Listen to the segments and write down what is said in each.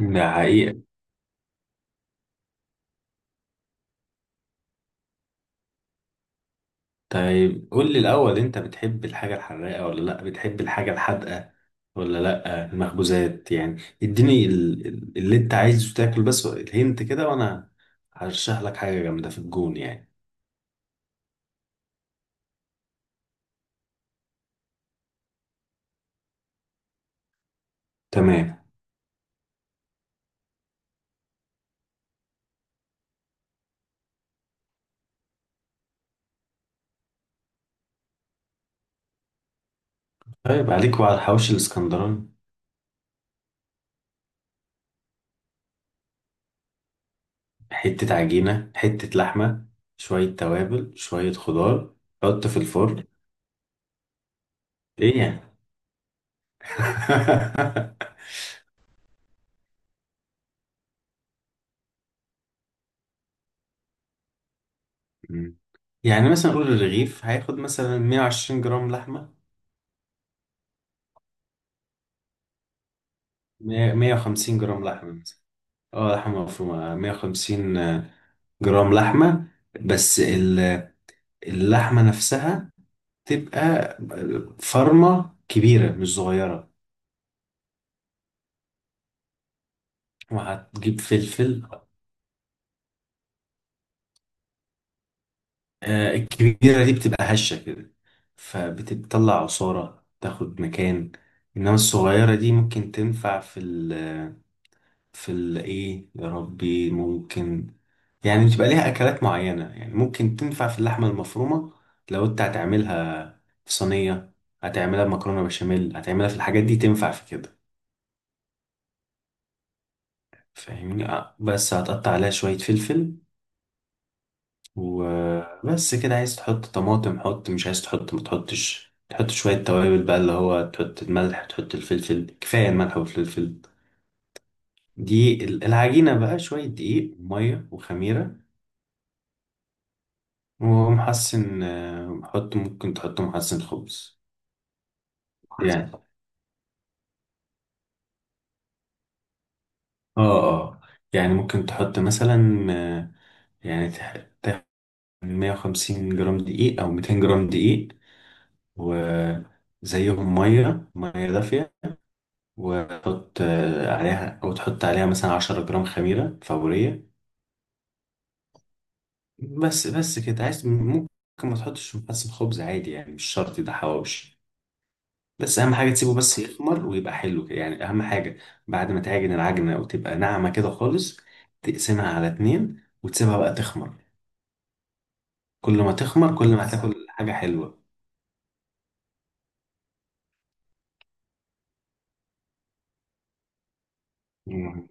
ده حقيقة. طيب، قول لي الأول، أنت بتحب الحاجة الحراقة ولا لأ؟ بتحب الحاجة الحادقة ولا لأ؟ المخبوزات؟ يعني اديني اللي أنت عايزه تاكل بس، الهنت كده وأنا هرشح لك حاجة جامدة في الجون يعني. تمام. طيب، عليك وعلى الحواوشي الإسكندراني. حتة عجينة، حتة لحمة، شوية توابل، شوية خضار، حط في الفرن. إيه يعني؟ يعني مثلا قول الرغيف هياخد مثلا 120 جرام لحمة، 150 جرام لحمة مثلا. اه، لحمة مفرومة، 150 جرام لحمة. بس ال- اللحمة نفسها تبقى فرمة كبيرة مش صغيرة. وهتجيب فلفل. الكبيرة دي بتبقى هشة كده، فبتطلع عصارة تاخد مكان. إنما الصغيرة دي ممكن تنفع في ال في ال إيه يا ربي، ممكن يعني بتبقى ليها اكلات معينه. يعني ممكن تنفع في اللحمه المفرومه لو انت هتعملها في صينيه، هتعملها بمكرونه بشاميل، هتعملها في الحاجات دي، تنفع في كده. فاهمني؟ بس هتقطع عليها شويه فلفل وبس كده. عايز تحط طماطم حط، مش عايز تحط ما تحطش. تحط شويه توابل بقى، اللي هو تحط الملح تحط الفلفل، كفايه الملح والفلفل. العجينه بقى، شويه دقيق وميه وخميره ومحسن. حط، ممكن تحط محسن خبز يعني. اه اه. يعني ممكن تحط مثلا، يعني تاخد 150 جرام دقيق او 200 جرام دقيق، وزيهم ميه ميه دافيه. وتحط عليها، او تحط عليها مثلا 10 جرام خميره فوريه. بس بس كده، عايز ممكن ما تحطش محسن خبز عادي يعني، مش شرط، ده حواوشي. بس اهم حاجه تسيبه بس يخمر ويبقى حلو كده يعني، اهم حاجه. بعد ما تعجن العجنه وتبقى ناعمه كده خالص، تقسمها على اتنين وتسيبها بقى تخمر. كل ما تخمر كل ما بالظبط هتاكل حاجة حلوة. مم.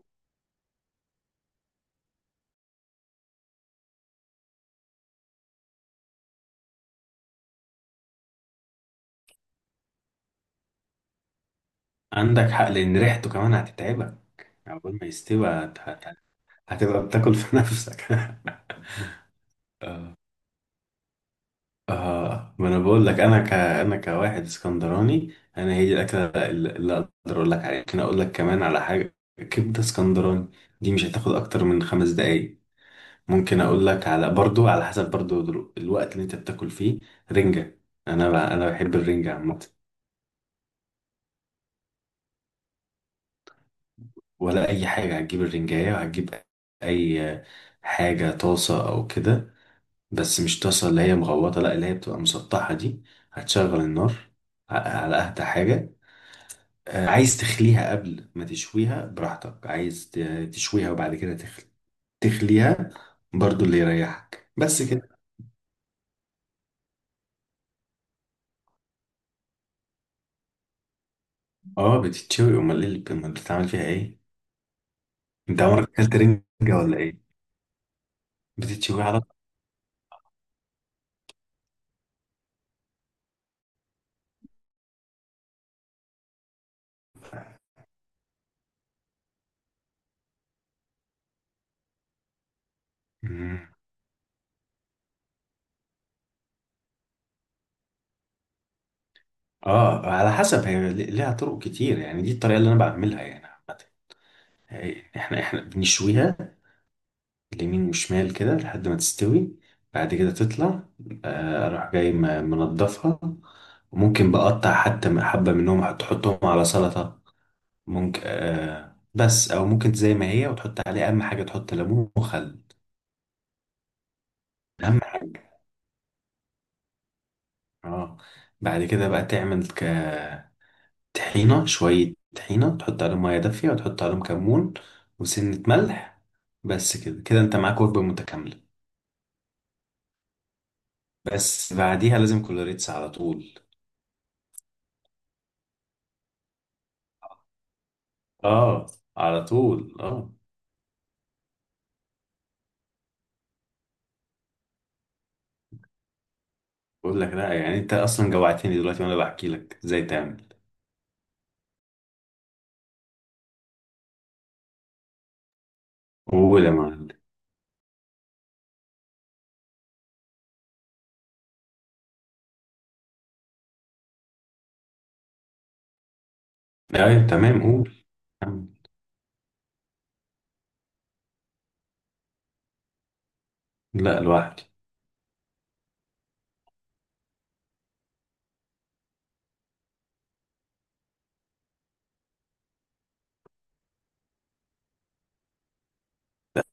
عندك حق لأن ريحته كمان هتتعبك، يعني أول ما يستوي هتبقى بتاكل في نفسك. آه، ما أنا بقول لك، أنا كواحد اسكندراني، أنا هي دي الأكلة اللي أقدر أقول لك عليها. ممكن أقول لك كمان على حاجة: كبدة اسكندراني، دي مش هتاخد أكتر من 5 دقايق. ممكن أقول لك على، برضو على حسب برضو، الوقت اللي أنت بتاكل فيه. رنجة. أنا بحب الرنجة عامة. ولا اي حاجه. هتجيب الرنجايه، وهتجيب اي حاجه طاسه او كده، بس مش طاسه اللي هي مغوطه، لا اللي هي بتبقى مسطحه دي. هتشغل النار على اهدى حاجه. عايز تخليها قبل ما تشويها براحتك، عايز تشويها وبعد كده تخليها برضو اللي يريحك بس كده. اه، بتتشوي، امال ايه اللي امال بتعمل فيها ايه؟ انت عمرك اكلت رنجه ولا ايه؟ بتتشوي على. مم. اه، على حسب، هي ليها طرق كتير يعني، دي الطريقه اللي انا بعملها يعني عامة. احنا بنشويها اليمين وشمال كده لحد ما تستوي. بعد كده تطلع، اروح جاي منضفها. وممكن بقطع حتى حبة منهم، تحطهم على سلطة. ممكن بس، او ممكن زي ما هي، وتحط عليه اهم حاجة: تحط ليمون وخل. اهم حاجة. اه. بعد كده بقى تعمل ك طحينة، شوية طحينة تحط عليهم مية دافية وتحط عليهم كمون وسنة ملح. بس كده كده انت معاك وجبة متكاملة. بس بعديها لازم كولوريتس على طول. اه، على طول، اه. بقول لك لا، يعني انت اصلا جوعتني دلوقتي وانا بحكي لك ازاي تعمل. قول يا معلم. ايوه تمام، قول. كمل. لا، لوحدي.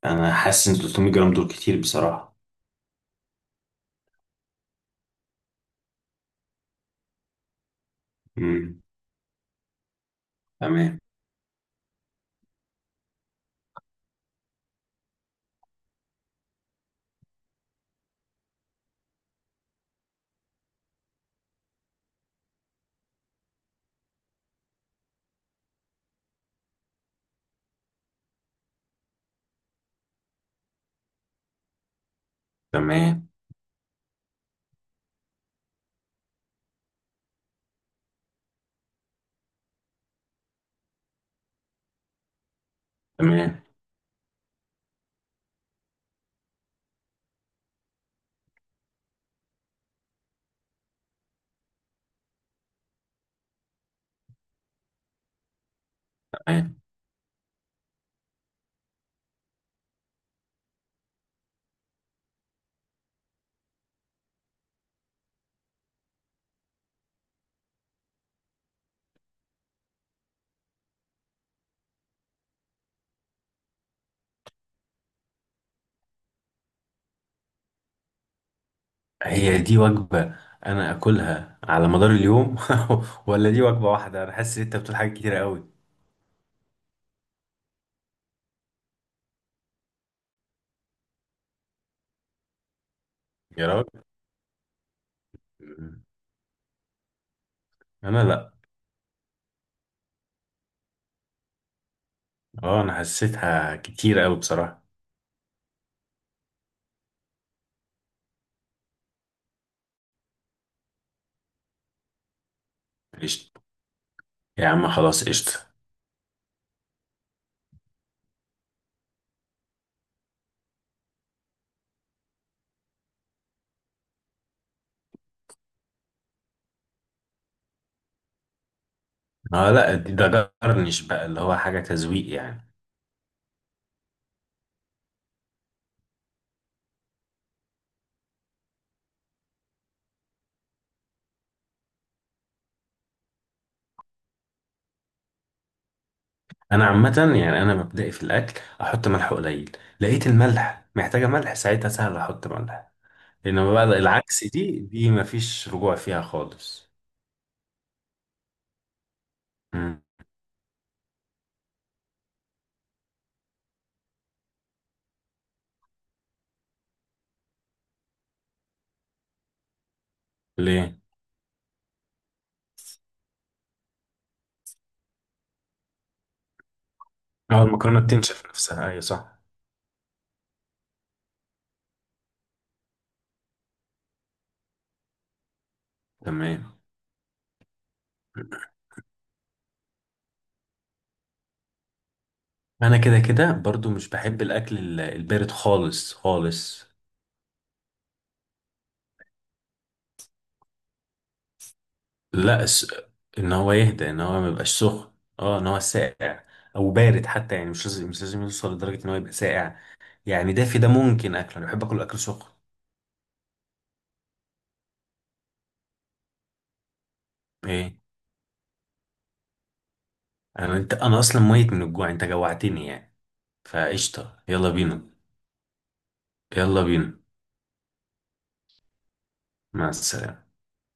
انا حاسس ان 300 جرام دول كتير بصراحة. امم. تمام. تمام. تمام. تمام. هي دي وجبة انا اكلها على مدار اليوم؟ ولا دي وجبة واحدة؟ انا حاسس ان انت بتقول حاجات كتيرة قوي. يا راجل. مم. انا لا. اه، انا حسيتها كتير قوي بصراحة. قشطة. يا عم خلاص قشطة. اه لا، ده جرنش بقى اللي هو حاجة تذويق يعني. انا عامة، يعني انا مبدئي في الاكل احط ملح قليل، لقيت الملح محتاجة ملح ساعتها سهل احط ملح. انما بقى العكس، دي مفيش رجوع فيها خالص. مم. ليه؟ اه المكرونة بتنشف نفسها، ايوه صح. تمام. انا كده كده برضو مش بحب الاكل البارد خالص خالص. لا، ان هو يهدى، ان هو ما يبقاش سخن. اه، ان هو ساقع او بارد حتى، يعني مش لازم مش لازم يوصل لدرجه ان هو يبقى ساقع، يعني دافي ده ممكن اكله، انا بحب اكل اكل سخن. ايه؟ انا اصلا ميت من الجوع، انت جوعتني يعني. فقشطه، يلا بينا. يلا بينا. مع السلامه.